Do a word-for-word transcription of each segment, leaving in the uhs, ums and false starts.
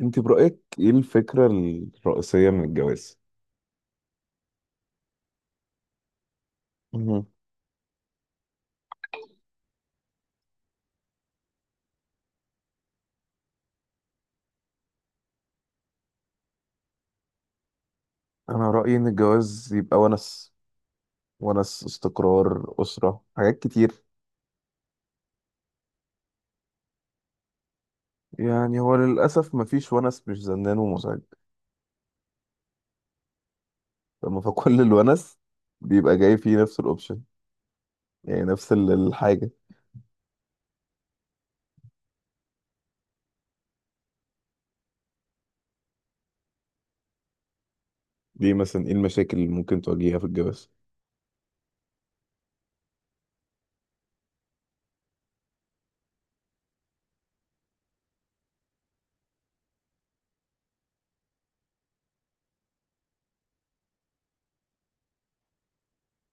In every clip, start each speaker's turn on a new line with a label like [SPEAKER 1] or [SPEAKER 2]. [SPEAKER 1] انت برأيك ايه الفكرة الرئيسية من الجواز؟ مهم. انا رأيي ان الجواز يبقى ونس. ونس، استقرار، أسرة، حاجات كتير. يعني هو للأسف مفيش ونس مش زنان ومزعج. لما فكل الونس بيبقى جاي فيه نفس الأوبشن. يعني نفس ال- الحاجة. ليه مثلا ايه المشاكل اللي ممكن تواجهها في الجواز؟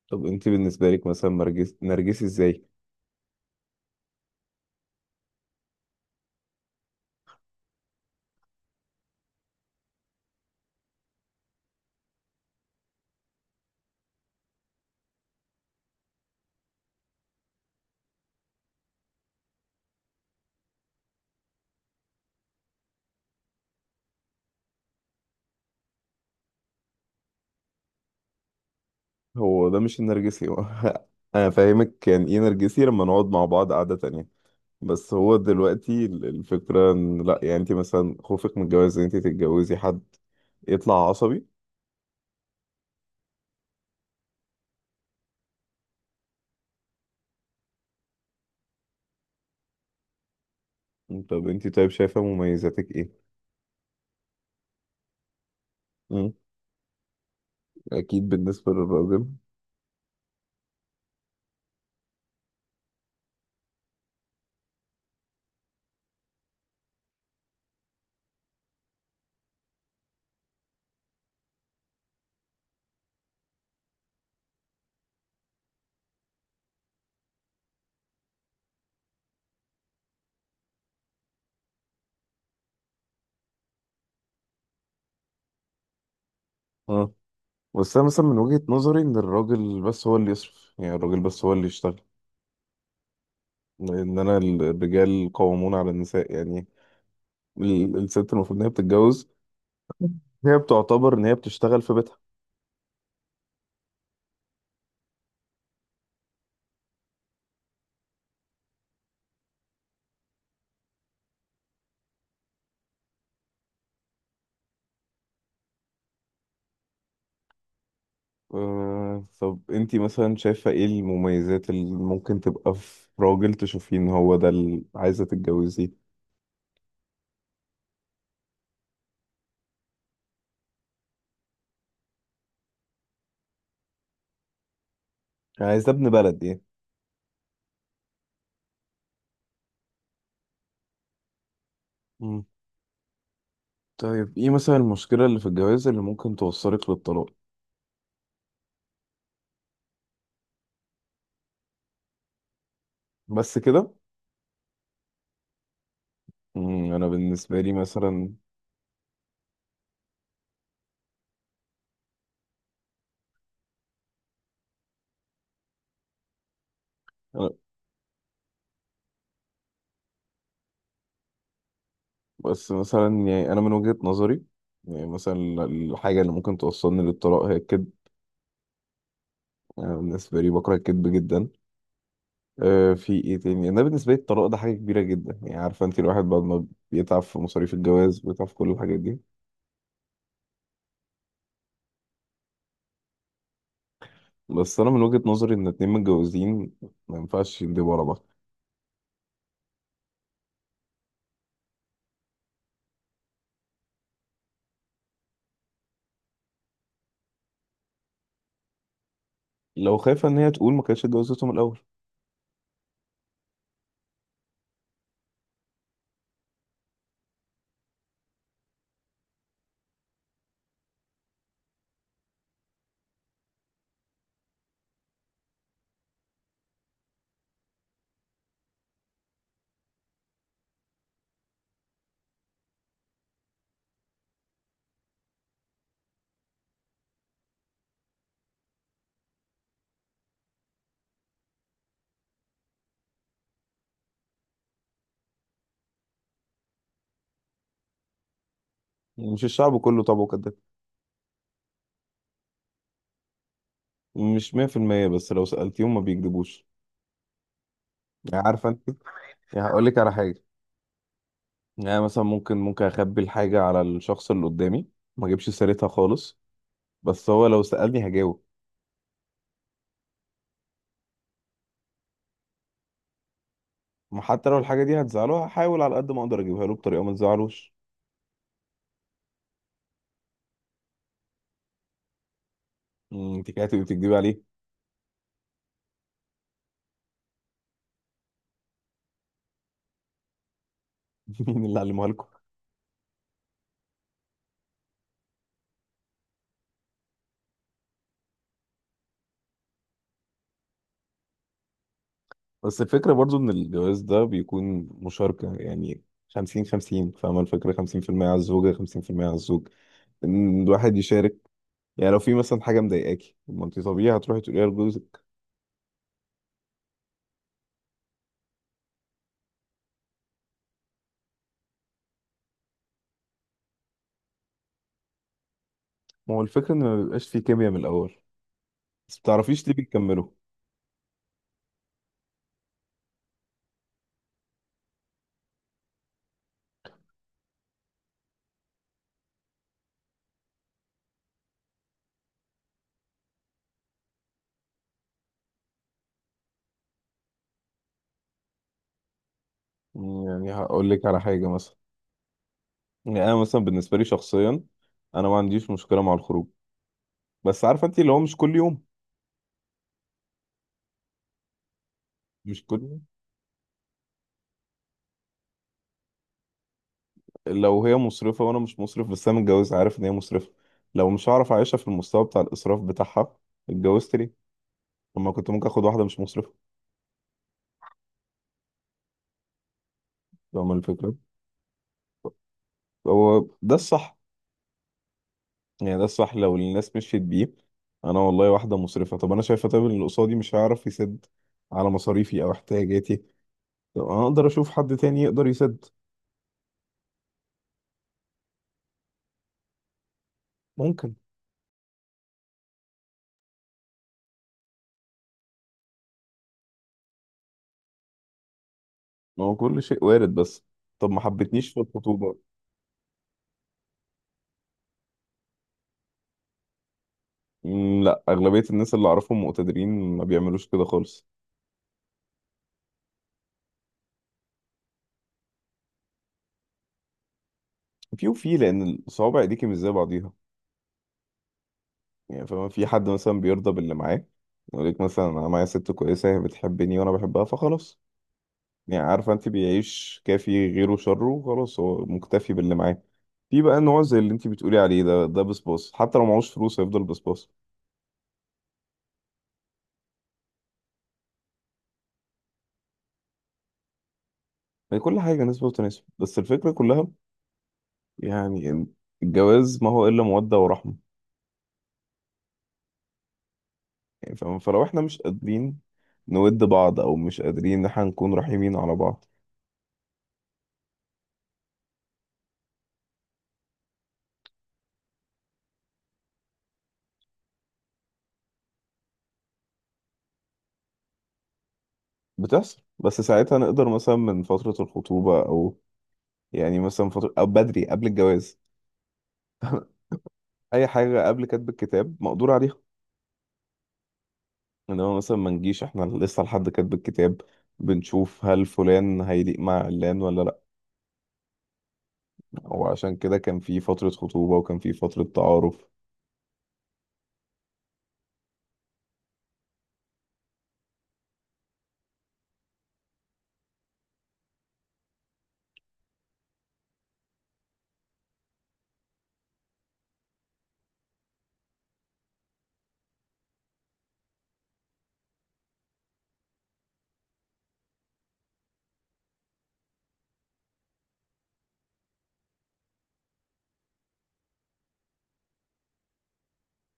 [SPEAKER 1] طب انت بالنسبة لك مثلا نرجسي نرجسي ازاي؟ هو ده مش النرجسي هو. انا فاهمك يعني ايه نرجسي، لما نقعد مع بعض قعدة تانية. بس هو دلوقتي ال- الفكرة ان لا، يعني انت مثلا خوفك من الجواز ان انت تتجوزي حد يطلع عصبي. طب انت طيب، شايفة مميزاتك ايه؟ مم. اكيد بالنسبة للراجل. اه، بس انا مثلا من وجهة نظري ان الراجل بس هو اللي يصرف، يعني الراجل بس هو اللي يشتغل. لان انا الرجال قوامون على النساء، يعني ال- الست المفروض ان هي بتتجوز، هي بتعتبر ان هي بتشتغل في بيتها. آه، طب انتي مثلا شايفة ايه المميزات اللي ممكن تبقى في راجل تشوفين هو ده اللي عايزة تتجوزيه؟ يعني عايزة ابن بلد ايه. مم. طيب ايه مثلا المشكلة اللي في الجواز اللي ممكن توصلك للطلاق؟ بس كده؟ مم، انا بالنسبة لي مثلا. أنا، بس مثلا يعني انا من وجهة نظري، يعني مثلا الحاجة اللي ممكن توصلني للطلاق هي الكذب. انا بالنسبة لي بكره الكذب جدا. آه، في ايه تاني؟ انا بالنسبه لي الطلاق ده حاجه كبيره جدا. يعني عارفه انت الواحد بعد ما بيتعب في مصاريف الجواز، بيتعب في كل الحاجات دي. بس انا من وجهه نظري ان اتنين متجوزين ما ينفعش يندبوا على بعض. لو خايفه ان هي تقول ما كانتش اتجوزتهم الاول. يعني مش الشعب كله طبعا كده. مش مية في المية بس لو سالتيهم ما بيكذبوش. يعني عارفه انت، يعني هقول لك على حاجه. يعني مثلا ممكن ممكن اخبي الحاجه على الشخص اللي قدامي، ما اجيبش سيرتها خالص. بس هو لو سالني هجاوب. ما حتى لو الحاجه دي هتزعله هحاول على قد ما اقدر اجيبها له بطريقه ما تزعلوش. مم، انت كده هتبقي بتكدبي عليه. مين اللي علمها لكم؟ بس الفكره برضو ان الجواز ده بيكون مشاركه، يعني خمسين خمسين. فاهمه الفكره؟ خمسين في المية على الزوجه، خمسين في المية على الزوج. ان الواحد يشارك. يعني لو في مثلا حاجه مضايقاكي، طب ما انت طبيعي هتروحي تقوليها لجوزك. ما هو الفكره ان ما بيبقاش في كيمياء من الاول. بس ما بتعرفيش ليه بتكملوا؟ مم، يعني هقول لك على حاجه مثلا. يعني انا مثلا بالنسبه لي شخصيا، انا ما عنديش مشكله مع الخروج. بس عارفه انت، اللي هو مش كل يوم. مش كل لو هي مصرفة وانا مش مصرف، بس انا متجوز عارف ان هي مصرفة. لو مش هعرف اعيشها في المستوى بتاع الاسراف بتاعها، اتجوزت ليه؟ لما كنت ممكن اخد واحدة مش مصرفة. فاهم الفكرة. هو ده الصح. يعني ده الصح لو الناس مشيت بيه. انا والله واحدة مصرفة، طب انا شايفة طيب ان اللي قصادي مش هيعرف يسد على مصاريفي او احتياجاتي. طب انا اقدر اشوف حد تاني يقدر يسد. ممكن. ما هو كل شيء وارد. بس طب ما حبتنيش في الخطوبة؟ مم. لا، اغلبية الناس اللي اعرفهم مقتدرين ما بيعملوش كده خالص. في وفي، لان الصوابع ايديكي مش زي بعضيها. يعني فما في حد مثلا بيرضى باللي معاه. يقول لك مثلا انا معايا ست كويسه، هي بتحبني وانا بحبها، فخلاص. يعني عارفه انت، بيعيش كافي، غيره شره، وخلاص هو مكتفي باللي معاه. في بقى نوع زي اللي انت بتقولي عليه ده ده بسباص، حتى لو معهوش فلوس هيفضل بسباص. يعني كل حاجه نسبه وتناسب، بس الفكره كلها يعني إن الجواز ما هو الا موده ورحمه. يعني فاهمة؟ فلو احنا مش قادرين نود بعض، او مش قادرين ان احنا نكون رحيمين على بعض. بتحصل، بس ساعتها نقدر مثلا من فترة الخطوبة، أو يعني مثلا فترة أو بدري قبل الجواز. أي حاجة قبل كتب الكتاب مقدور عليها. إنما مثلا ما نجيش إحنا لسه لحد كتب الكتاب بنشوف هل فلان هيليق مع علان ولا لأ. وعشان كده كان في فترة خطوبة وكان في فترة تعارف.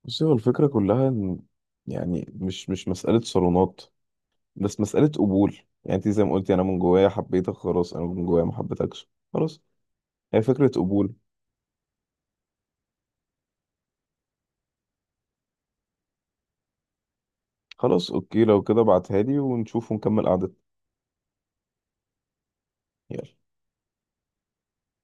[SPEAKER 1] بس هو الفكرة كلها إن، يعني مش مش مسألة صالونات، بس مسألة قبول. يعني أنت زي ما قلتي، أنا من جوايا حبيتك خلاص، أنا من جوايا ما حبيتكش خلاص. هي فكرة قبول. خلاص اوكي، لو كده ابعتها لي، ونشوف ونكمل قعدتنا. يلا.